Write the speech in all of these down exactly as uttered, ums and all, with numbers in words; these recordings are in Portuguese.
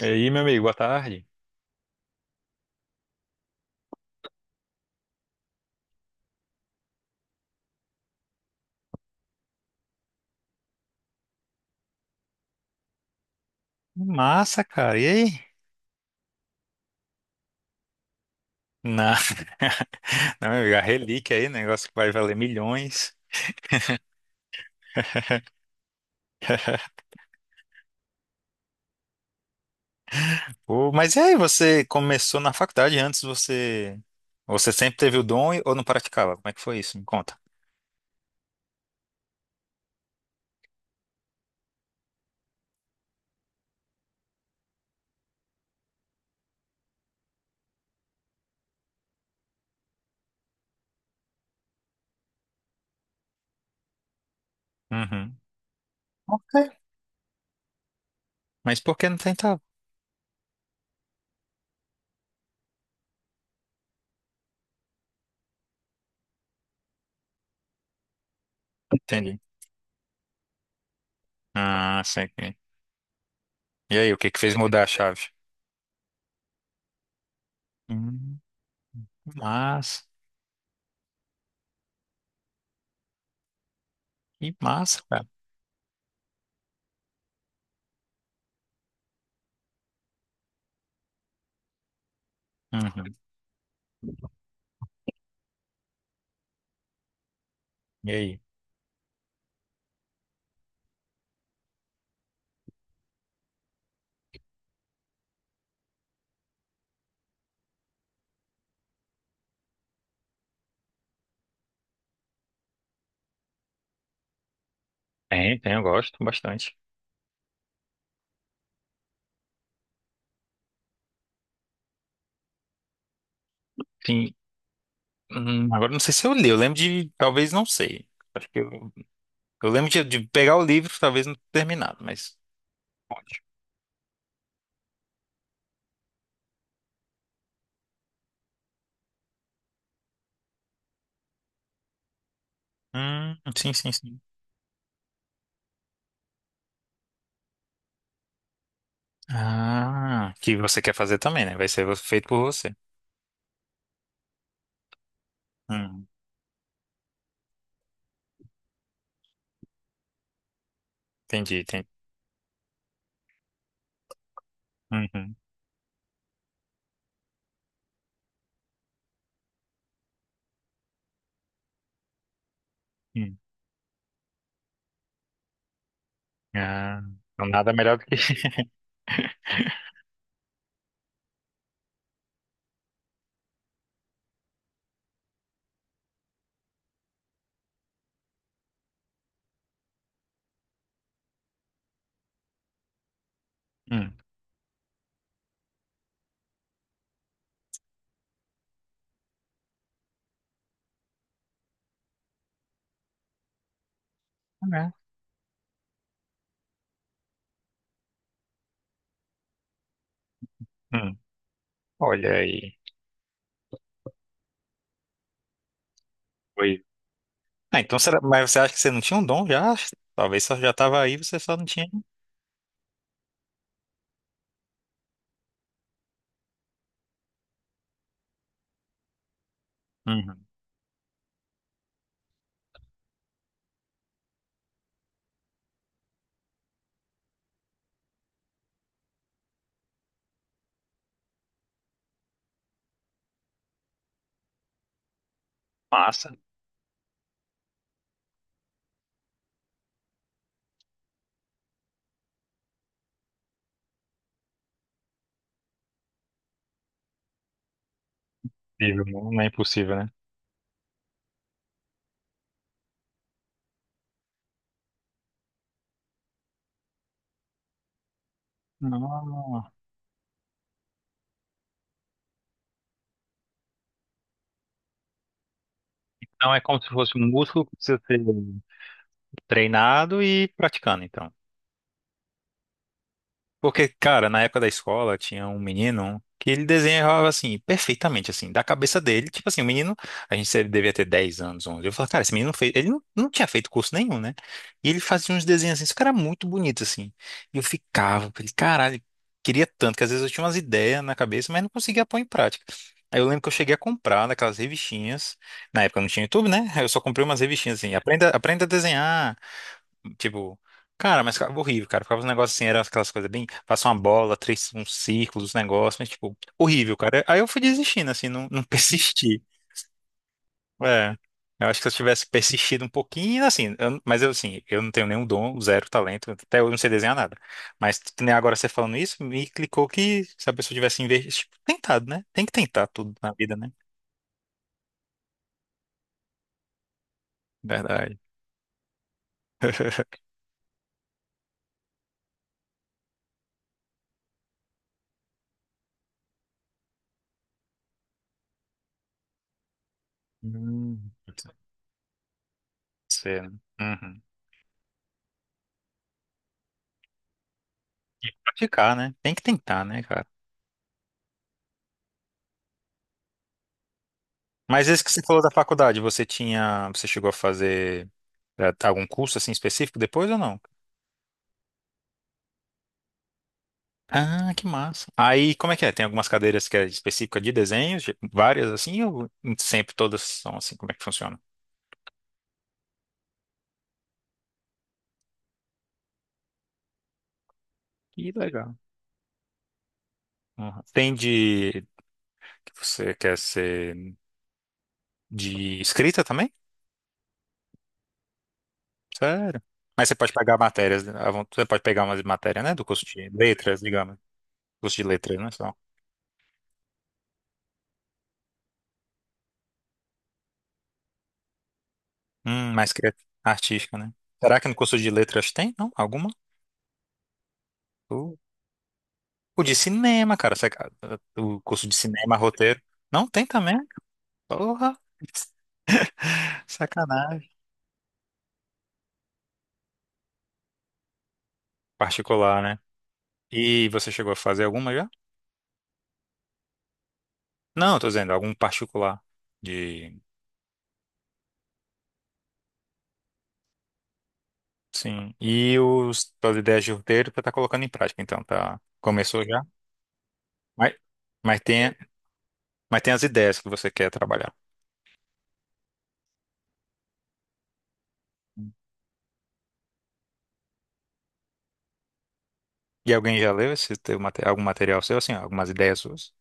E aí, meu amigo, boa tarde. Massa, cara. E aí? Na... Não, meu amigo, a relíquia aí, negócio que vai valer milhões. Pô, mas e aí, você começou na faculdade antes, você você sempre teve o dom e- ou não praticava? Como é que foi isso? Me conta. Uhum. Ok. Mas por que não tentava? Entendi. Ah, sei que. E aí, o que que fez mudar a chave? Hum, Massa. Que massa, cara. Uhum. E aí? Tem, tem, eu gosto bastante. Sim, hum, agora não sei se eu li, eu lembro de, talvez não sei. Acho que eu, eu lembro de, de pegar o livro, talvez não ter terminado, mas pode. Hum, sim, sim, sim. Ah, que você quer fazer também, né? Vai ser feito por você. Hum, entendi, entendi. Uhum, hum. Ah, então nada melhor do que. Hum, né? Hum, Olha aí. Foi. Ah, então será... Mas você acha que você não tinha um dom já? Talvez só já estava aí, você só não tinha. Uhum. Massa. Impossível, não é impossível, né? Não, não é como se fosse um músculo que precisa ser treinado e praticando, então. Porque, cara, na época da escola tinha um menino que ele desenhava assim, perfeitamente, assim, da cabeça dele. Tipo assim, o menino, a gente ele devia ter dez anos, onze. Eu falava, cara, esse menino fez. Ele não, não tinha feito curso nenhum, né? E ele fazia uns desenhos assim, isso cara era muito bonito, assim. E eu ficava, falei, caralho, queria tanto, que às vezes eu tinha umas ideias na cabeça, mas não conseguia pôr em prática. Aí eu lembro que eu cheguei a comprar naquelas revistinhas. Na época não tinha YouTube, né? Aí eu só comprei umas revistinhas assim, aprenda, aprenda a desenhar. Tipo, cara, mas ficava horrível, cara. Ficava uns negócios assim, eram aquelas coisas bem. Faça uma bola, três, uns círculos, uns negócios, mas, tipo, horrível, cara. Aí eu fui desistindo, assim, não, não persisti. É. Eu acho que se eu tivesse persistido um pouquinho, assim, eu- mas eu, assim, eu não tenho nenhum dom, zero talento, até hoje não sei desenhar nada. Mas que nem agora você falando isso, me clicou que se a pessoa tivesse investido, tipo, tentado, né? Tem que tentar tudo na vida, né? Verdade. Hum, pode ser, né? Uhum. E praticar, né? Tem que tentar, né, cara? Mas esse que você falou da faculdade, você tinha, você chegou a fazer eh, algum curso assim específico depois ou não? Ah, que massa. Aí, como é que é? Tem algumas cadeiras que é específica de desenho, de- várias assim, ou sempre todas são assim? Como é que funciona? Que legal. Aham. Tem de, que você quer ser de escrita também? Sério? Mas você pode pegar matérias, né, à von- você pode pegar umas matérias, né, do curso de letras, digamos, curso de letras, né, só. Hum, mais cria- artística, né? Será que no curso de letras tem? Não? Alguma? O de cinema, cara. saca- O curso de cinema, roteiro. Não tem também? Porra, sacanagem. Particular, né? E você chegou a fazer alguma já? Não, tô dizendo, algum particular. De. Sim. E os, as ideias de roteiro você tá colocando em prática, então, tá? Começou já? Mas, mas tem, mas tem as ideias que você quer trabalhar. E alguém já leu esse teu, mate- algum material seu, assim, algumas ideias suas?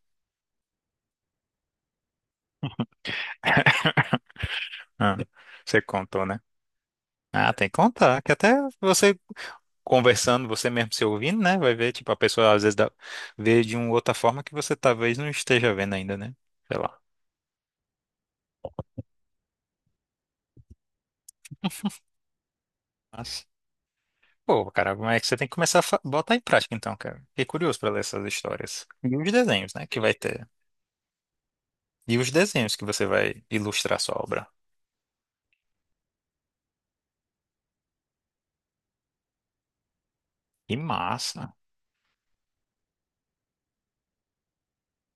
Ah, você contou, né? Ah, tem que contar, que até você conversando, você mesmo se ouvindo, né? Vai ver, tipo, a pessoa às vezes dá, vê de uma outra forma que você talvez não esteja vendo ainda, né? Sei lá. Mas, pô, cara, como é que você tem que começar a fa- botar em prática então, cara? Fiquei curioso pra ler essas histórias. E os desenhos, né? Que vai ter. E os desenhos que você vai ilustrar sua obra. Que massa!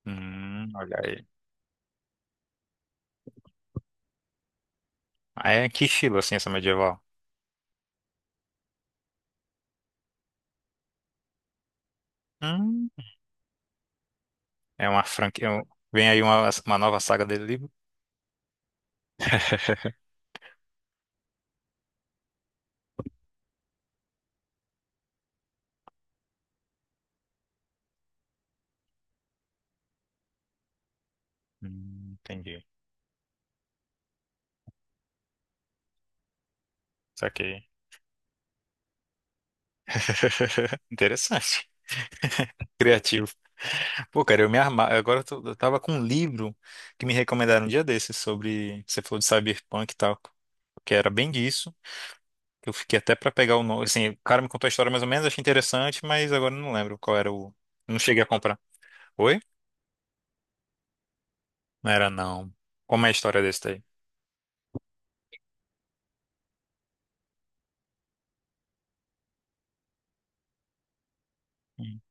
Hum, olha aí. Ah, é que estilo, assim, essa medieval? Hum, É uma franquia. um- Vem aí uma, uma nova saga dele livro? Hum, entendi. Saquei. Interessante. Criativo. Pô, cara, eu me armar. Agora eu, tô- eu tava com um livro que me recomendaram um dia desses sobre. Você falou de cyberpunk e tal, que era bem disso. Que eu fiquei até pra pegar o nome. Assim, o cara me contou a história mais ou menos, achei interessante, mas agora eu não lembro qual era o. Não cheguei a comprar. Oi? Não era, não. Como é a história desse daí? Hum.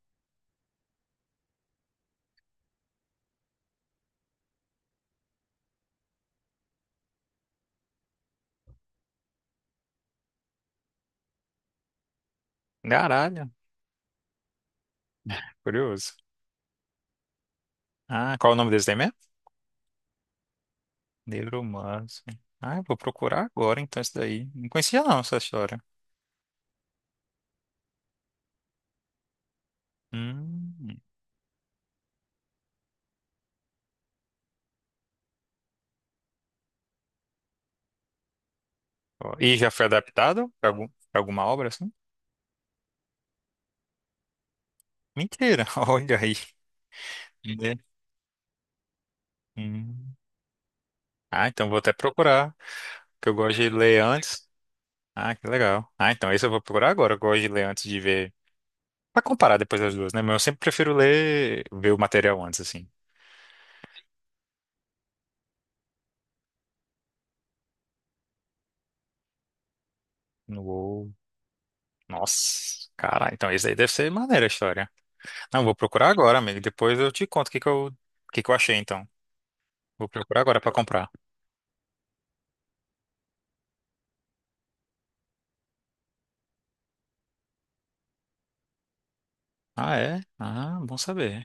Caralho, curioso. Ah, qual é o nome desse daí mesmo? Neuromancer. Ah, eu vou procurar agora então isso daí. Não conhecia não essa história. Hum. Ó, e já foi adaptado pra, algum, pra alguma obra assim? Mentira, olha aí. Né? Hum. Ah, então vou até procurar, porque eu gosto de ler antes. Ah, que legal. Ah, então esse eu vou procurar agora. Eu gosto de ler antes de ver. Pra comparar depois as duas, né? Mas eu sempre prefiro ler, ver o material antes, assim. Não vou. Nossa, cara, então esse aí deve ser maneira a história. Não, vou procurar agora, amigo. Depois eu te conto o que que eu, o que que eu achei, então. Vou procurar agora pra comprar. Ah, é? Ah, bom saber.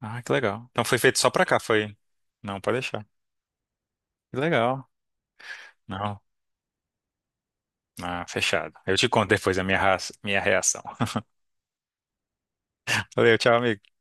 Ah, que legal. Então foi feito só pra cá, foi? Não, pode deixar. Que legal. Não. Ah, fechado. Eu te conto depois a minha, ra- minha reação. Valeu, tchau, amigo.